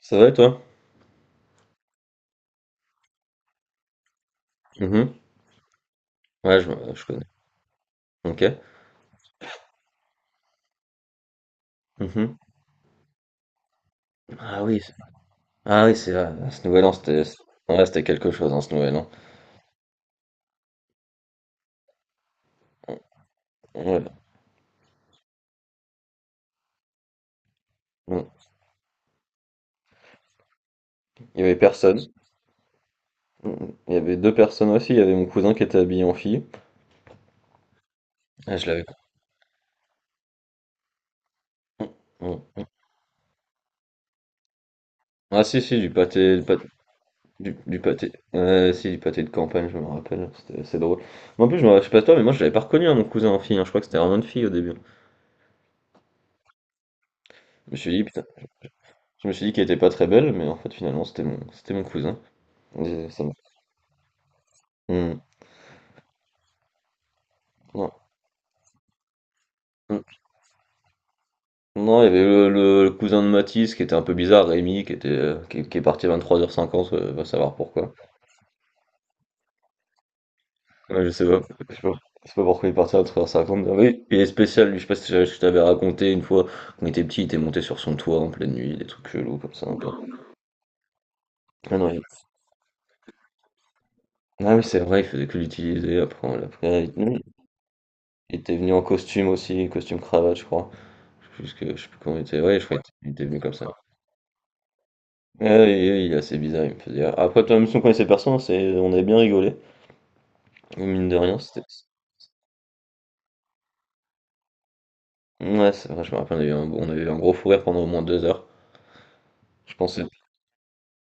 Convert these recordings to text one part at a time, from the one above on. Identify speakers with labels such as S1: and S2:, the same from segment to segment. S1: Ça va et toi? Mmh. Ouais, je connais. OK. Mmh. Ah oui, c'est ah oui, c'est vrai, ce Nouvel An, c'était, ouais, c'était quelque chose, hein, ce Nouvel An. Ouais, mmh. Il y avait personne. Mmh. Il y avait 2 personnes aussi, il y avait mon cousin qui était habillé en fille. Ah, je l'avais. Mmh, mmh, mmh. Ah si, si, du pâté, ouais, si, du pâté de campagne, je me rappelle, c'était assez drôle. Mais en plus, je sais pas toi, mais moi, je l'avais pas reconnu, hein, mon cousin en fille, hein, je crois que c'était vraiment une fille au début. Je me suis dit: «Putain», je me suis dit qu'elle était pas très belle, mais en fait, finalement, c'était mon cousin. Et ça m'a. Mmh. Non. Mmh. Non, il y avait le cousin de Mathis qui était un peu bizarre, Rémi, qui est parti à 23h50, va savoir pourquoi. Ouais, je sais pas, je sais pas pourquoi il est parti à 23h50. Mais oui, il est spécial, lui, je sais pas si je t'avais raconté une fois, quand il était petit, il était monté sur son toit en pleine nuit, des trucs chelous comme ça un peu. Ah non, il- ah oui, c'est vrai, il faisait que l'utiliser après. Après, il oui, il était venu en costume aussi, costume cravate, je crois. Je sais plus comment il était, ouais, je crois qu'il était venu comme ça. Ah oui, oui, oui, il est assez bizarre, il me faisait. Après, toi, même si on connaissait personne, on avait bien rigolé. Et mine de rien, c'était. Ouais, c'est vrai, je me rappelle, on avait eu un gros fou rire pendant au moins 2 heures. Je pensais.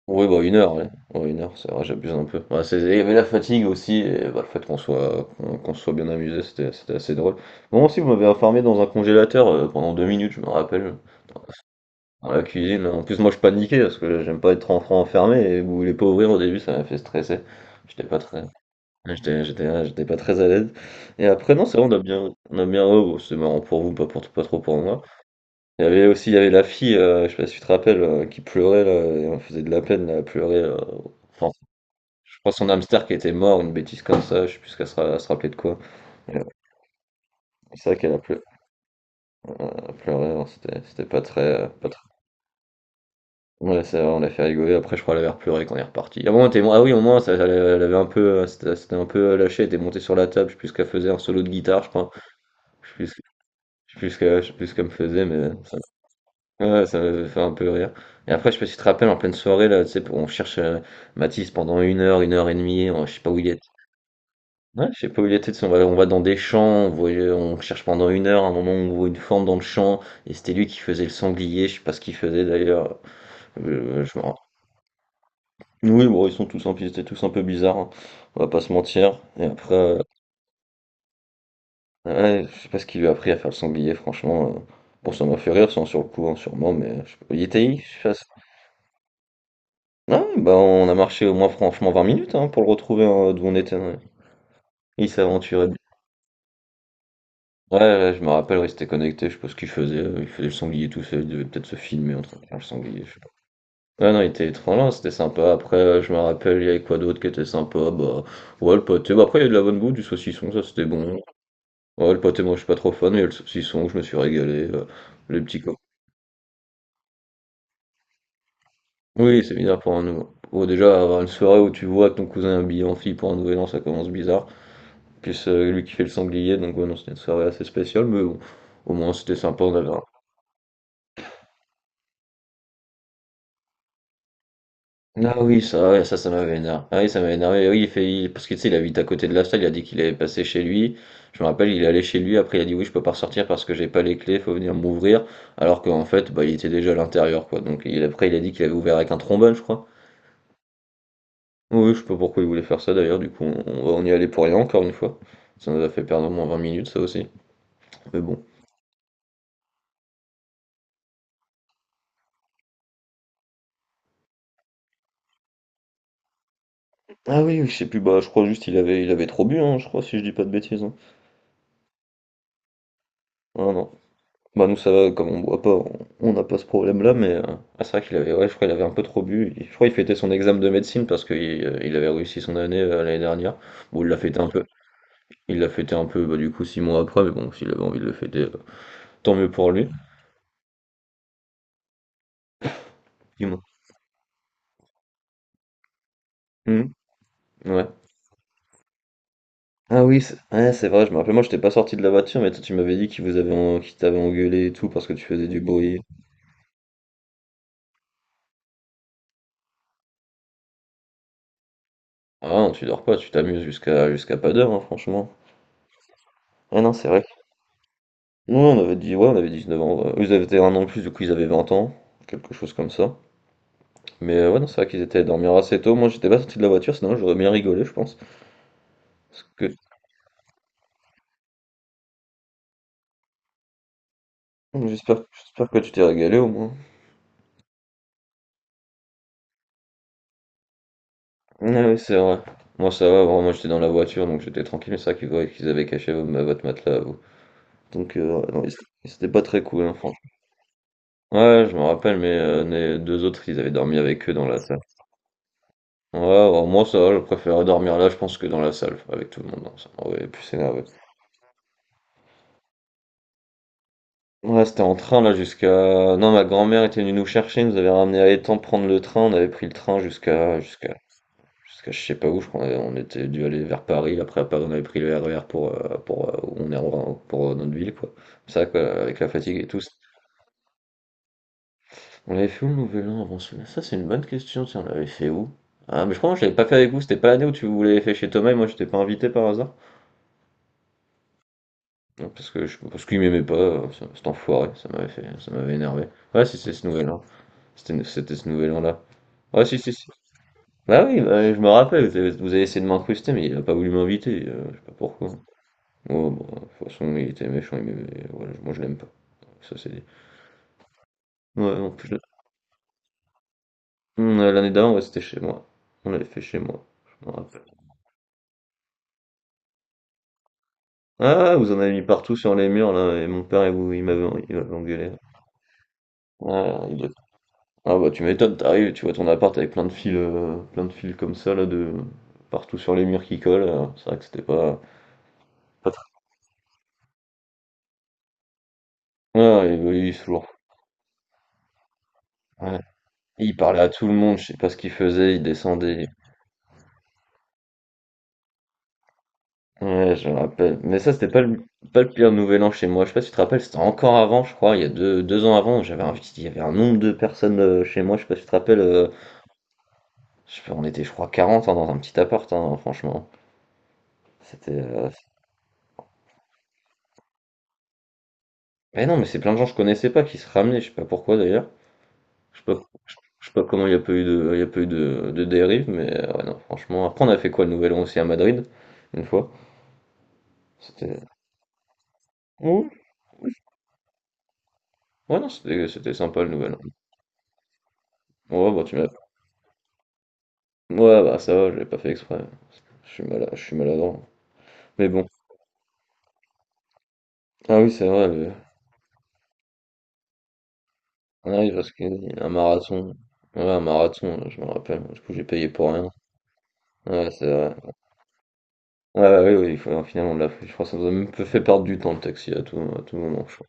S1: Oui, bah une heure, ouais. Ouais, une heure, c'est vrai, j'abuse un peu. Ouais, il y avait la fatigue aussi, et bah, le fait qu'on se soit bien amusé, c'était assez drôle. Bon, aussi, vous m'avez enfermé dans un congélateur pendant 2 minutes, je me rappelle, dans la cuisine. En plus, moi, je paniquais parce que j'aime pas être enfant enfermé, et vous voulez pas ouvrir au début, ça m'a fait stresser. J'étais pas très. Ouais, J'étais j'étais ouais, j'étais pas très à l'aise. Et après, non, c'est vrai, on a bien oh, c'est marrant pour vous, pas trop pour moi. Il y avait la fille, je sais pas si tu te rappelles, qui pleurait là et on faisait de la peine, là, elle pleurait, enfin, je crois son hamster qui était mort, une bêtise comme ça, je sais plus ce qu'elle se ra elle se rappelait de quoi. Et c'est vrai qu'elle a pleu elle pleurait, alors c'était pas très, pas très. Ouais, c'est vrai, on l'a fait rigoler, après je crois elle avait pleuré quand on est reparti. Ah bon, elle était ah oui, au moins ça, elle avait un peu, elle s'était un peu lâché. Elle était montée sur la table, je sais plus ce qu'elle faisait, un solo de guitare, je crois. Je Je sais plus ce que je sais plus ce qu'elle me faisait, mais ça, ouais, ça m'avait fait un peu rire. Et après, je sais pas si tu te rappelles, en pleine soirée, là, tu sais, on cherche, Mathis pendant une heure et demie, on je sais pas où il est. Ouais, je sais pas où il était, tu sais, on va dans des champs, on cherche pendant une heure, à un moment, on voit une forme dans le champ et c'était lui qui faisait le sanglier, je sais pas ce qu'il faisait d'ailleurs, je me ran. Oui, bon, ils étaient tous un peu bizarres, hein, on va pas se mentir et après, ouais, je sais pas ce qu'il lui a appris à faire le sanglier franchement, bon, ça m'a fait rire, sans sur le coup, hein, sûrement, mais je sais pas, il était. Ah ouais, bah, on a marché au moins franchement 20 minutes, hein, pour le retrouver, hein, d'où on était, ouais. Il s'aventurait bien. Ouais, ouais, je me rappelle, ouais, il s'était connecté, je sais pas ce qu'il faisait, il faisait le sanglier tout seul, il devait peut-être se filmer en train de faire le sanglier, je sais pas. Ouais, non, il était étrange, hein, c'était sympa. Après, je me rappelle, il y avait quoi d'autre qui était sympa? Bah, ouais, le pâté, bah, après il y a de la bonne bouffe, du saucisson, ça c'était bon. Ouais, le pâté, moi, je suis pas trop fan, mais il y a le saucisson, je me suis régalé, les petits co. Oui, c'est bizarre pour un nouveau ouais, déjà, avoir une soirée où tu vois que ton cousin est habillé en fille pour un nouvel an, ça commence bizarre. Plus lui qui fait le sanglier, donc ouais, non, c'était une soirée assez spéciale, mais bon, au moins c'était sympa, on avait un-. Ah oui, ça, ouais, ça m'avait énervé. Ah oui, ça m'avait énervé. Oui, parce que tu sais, il habite à côté de la salle, il a dit qu'il avait passé chez lui. Je me rappelle, il est allé chez lui, après il a dit oui, je peux pas ressortir parce que j'ai pas les clés, faut venir m'ouvrir. Alors qu'en fait, bah, il était déjà à l'intérieur, quoi. Donc il, après, il a dit qu'il avait ouvert avec un trombone, je crois. Oui, je sais pas pourquoi il voulait faire ça d'ailleurs, du coup, on y allait pour rien encore une fois. Ça nous a fait perdre au moins 20 minutes, ça aussi. Mais bon. Ah oui, oui, je sais plus, bah, je crois juste il avait trop bu, hein, je crois, si je dis pas de bêtises, hein. Non, non. Bah, nous, ça va, comme on boit pas, on n'a pas ce problème-là, mais ah, c'est vrai qu'il avait, ouais, je crois qu'il avait un peu trop bu. Je crois qu'il fêtait son examen de médecine parce qu'il il avait réussi son année l'année dernière. Bon, il l'a fêté un peu, bah, du coup, 6 mois après, mais bon, s'il avait envie de le fêter, tant mieux pour lui. Dis-moi. Mhm, ouais. Ah oui, c'est, ouais, c'est vrai, je me rappelle, moi, j'étais pas sorti de la voiture, mais toi, tu m'avais dit qu'il vous avait, en- qu'il t'avait engueulé et tout parce que tu faisais du bruit. Ah non, tu dors pas, tu t'amuses jusqu'à pas d'heure, hein, franchement. Ah non, c'est vrai. Non, on avait dit, ouais, on avait 19 ans. Ouais. Eux, ils avaient un an de plus, du coup, ils avaient 20 ans, quelque chose comme ça. Mais ouais, non, c'est vrai qu'ils étaient à dormir assez tôt. Moi, j'étais pas sorti de la voiture, sinon j'aurais bien rigolé, je pense. Parce que j'espère que tu t'es régalé au moins. Ah oui, c'est vrai. Moi, ça va, vraiment, moi, j'étais dans la voiture, donc j'étais tranquille, mais c'est vrai qu'ils voyaient qu'ils avaient caché votre matelas à vous. Donc, ouais, non, c'était pas très cool, hein, franchement. Ouais, je me rappelle, mais les deux autres, ils avaient dormi avec eux dans la salle. Ouais, bah, moi ça va, je préfère dormir là, je pense, que dans la salle, avec tout le monde, non, ça m'aurait plus énervé. Ouais, c'était en train là jusqu'à. Non, ma grand-mère était venue nous chercher, nous avait ramené à l'étang prendre le train, on avait pris le train jusqu'à, jusqu'à je sais pas où, je crois, on était dû aller vers Paris, après à Paris on avait pris le RER pour. Pour où on est en- pour notre ville, quoi. Ça, quoi, avec la fatigue et tout. On l'avait fait où le Nouvel An avant celui-là? Ça, c'est une bonne question, tiens, on l'avait fait où? Ah, mais je crois que je l'avais pas fait avec vous, c'était pas l'année où tu vous l'avez fait chez Thomas et moi j'étais pas invité par hasard? Non, parce que je parce qu'il m'aimait pas, cet enfoiré, ça m'avait énervé. Ouais, si, c'est ce nouvel an. C'était ce nouvel an-là. Ouais, si, si, si. Bah oui, bah, je me rappelle, vous avez essayé de m'incruster, mais il a pas voulu m'inviter, je sais pas pourquoi. Oh, bon, de toute façon, il était méchant, il m'aimait, voilà, moi je l'aime pas. Ça c'est dit. Ouais, en plus, on, l'année d'avant, ouais, c'était chez moi. On l'avait fait chez moi, je me rappelle. Ah, vous en avez mis partout sur les murs, là, et mon père, il m'avait engueulé. Ah, il doit. Ah bah tu m'étonnes, t'arrives, tu vois ton appart avec plein de fils comme ça là de partout sur les murs qui collent. C'est vrai que c'était pas très. Ah et oui, toujours. Ouais. Il parlait à tout le monde, je sais pas ce qu'il faisait, il descendait. Ouais, je me rappelle. Mais ça c'était pas le pire nouvel an chez moi. Je sais pas si tu te rappelles, c'était encore avant, je crois, il y a deux ans avant, il y avait un nombre de personnes chez moi. Je sais pas si tu te rappelles. Je sais pas, on était je crois 40 hein, dans un petit appart, hein, franchement. C'était. Mais non, mais c'est plein de gens que je connaissais pas qui se ramenaient, je sais pas pourquoi d'ailleurs. Je sais pas Je sais pas comment il n'y a pas eu de, il y a pas eu de dérive, mais ouais, non, franchement. Après, on a fait quoi le Nouvel An aussi à Madrid, une fois. C'était. Ouais, ouais, non, c'était sympa le Nouvel An. Ouais, bah, tu m'as. Ouais, bah, ça va, je l'ai pas fait exprès. Je suis malade, je suis maladroit. Mais bon. Ah oui, c'est vrai, on arrive parce qu'il y a un marathon. Ouais, un marathon, je me rappelle. Du coup, j'ai payé pour rien. Ouais, c'est vrai. Ouais, ouais, oui, oui, finalement, on l'a fait. Je crois que ça nous a même fait perdre du temps le taxi à tout moment, je crois.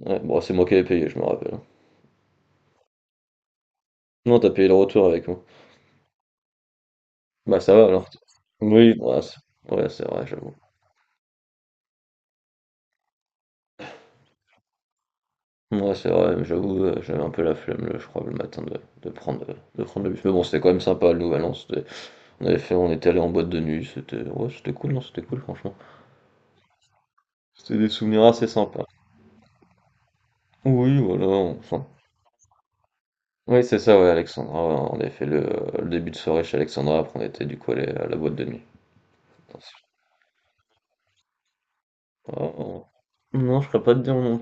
S1: Ouais, bon, c'est moi qui avais payé, je me rappelle. Non, t'as payé le retour avec moi. Bah ça va alors. Oui, ouais, c'est vrai, j'avoue. Ouais, c'est vrai, mais j'avoue, j'avais un peu la flemme, le je crois, le matin de prendre le bus. Mais bon, c'était quand même sympa, le Nouvel An. On avait fait, on était allé en boîte de nuit, c'était ouais, c'était cool, non, c'était cool, franchement. C'était des souvenirs assez sympas. Oui, voilà, on s'en- Oui, c'est ça, ouais, Alexandra. Ouais, on avait fait le début de soirée chez Alexandra, après on était du coup allé à la boîte de nuit. Attention. Oh, oh. Non, je pourrais pas te dire mon.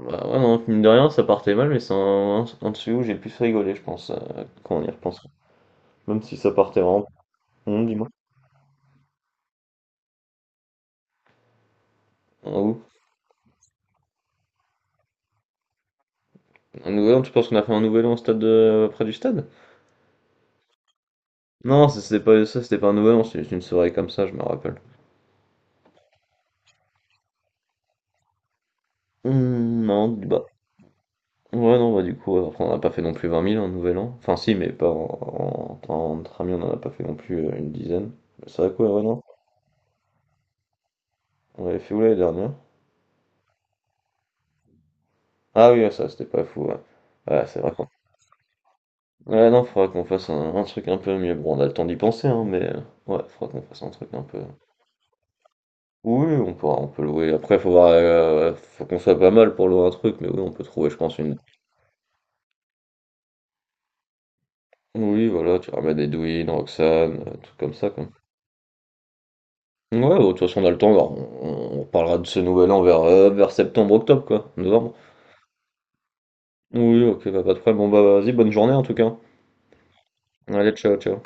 S1: Bah ouais, non, mine de rien, ça partait mal, mais c'est un dessus où j'ai le plus rigolé, je pense, quand on y repense. Même si ça partait vraiment. Dis-moi. En où? Un nouvel an, tu penses qu'on a fait un nouvel an au stade de, près du stade? Non, ça, c'était pas un nouvel an, c'était juste une soirée comme ça, je me rappelle. Non, bah. Ouais, non, bah du coup, après, on n'a pas fait non plus 20 000 un nouvel an. Enfin, si, mais pas entre amis, on en a pas fait non plus une dizaine. C'est vrai quoi, ouais, ouais, non? On avait fait où l'année dernière? Ah oui, ça c'était pas fou, ouais. Ouais, c'est vrai. Ouais, non, faudra qu'on fasse un truc un peu mieux. Bon, on a le temps d'y penser, hein, mais ouais, faudra qu'on fasse un truc un peu. Oui, oui, on peut louer. Après, faut voir, faut qu'on soit pas mal pour louer un truc, mais oui, on peut trouver, je pense, une. Oui, voilà, tu ramènes Edwin, Roxane, tout comme ça, quoi. Ouais, bon, de toute façon, on a le temps, alors, on parlera de ce nouvel an vers septembre, octobre, quoi, novembre. Oui, ok, bah, pas de problème. Bon, bah, vas-y, bonne journée en tout cas. Allez, ciao, ciao.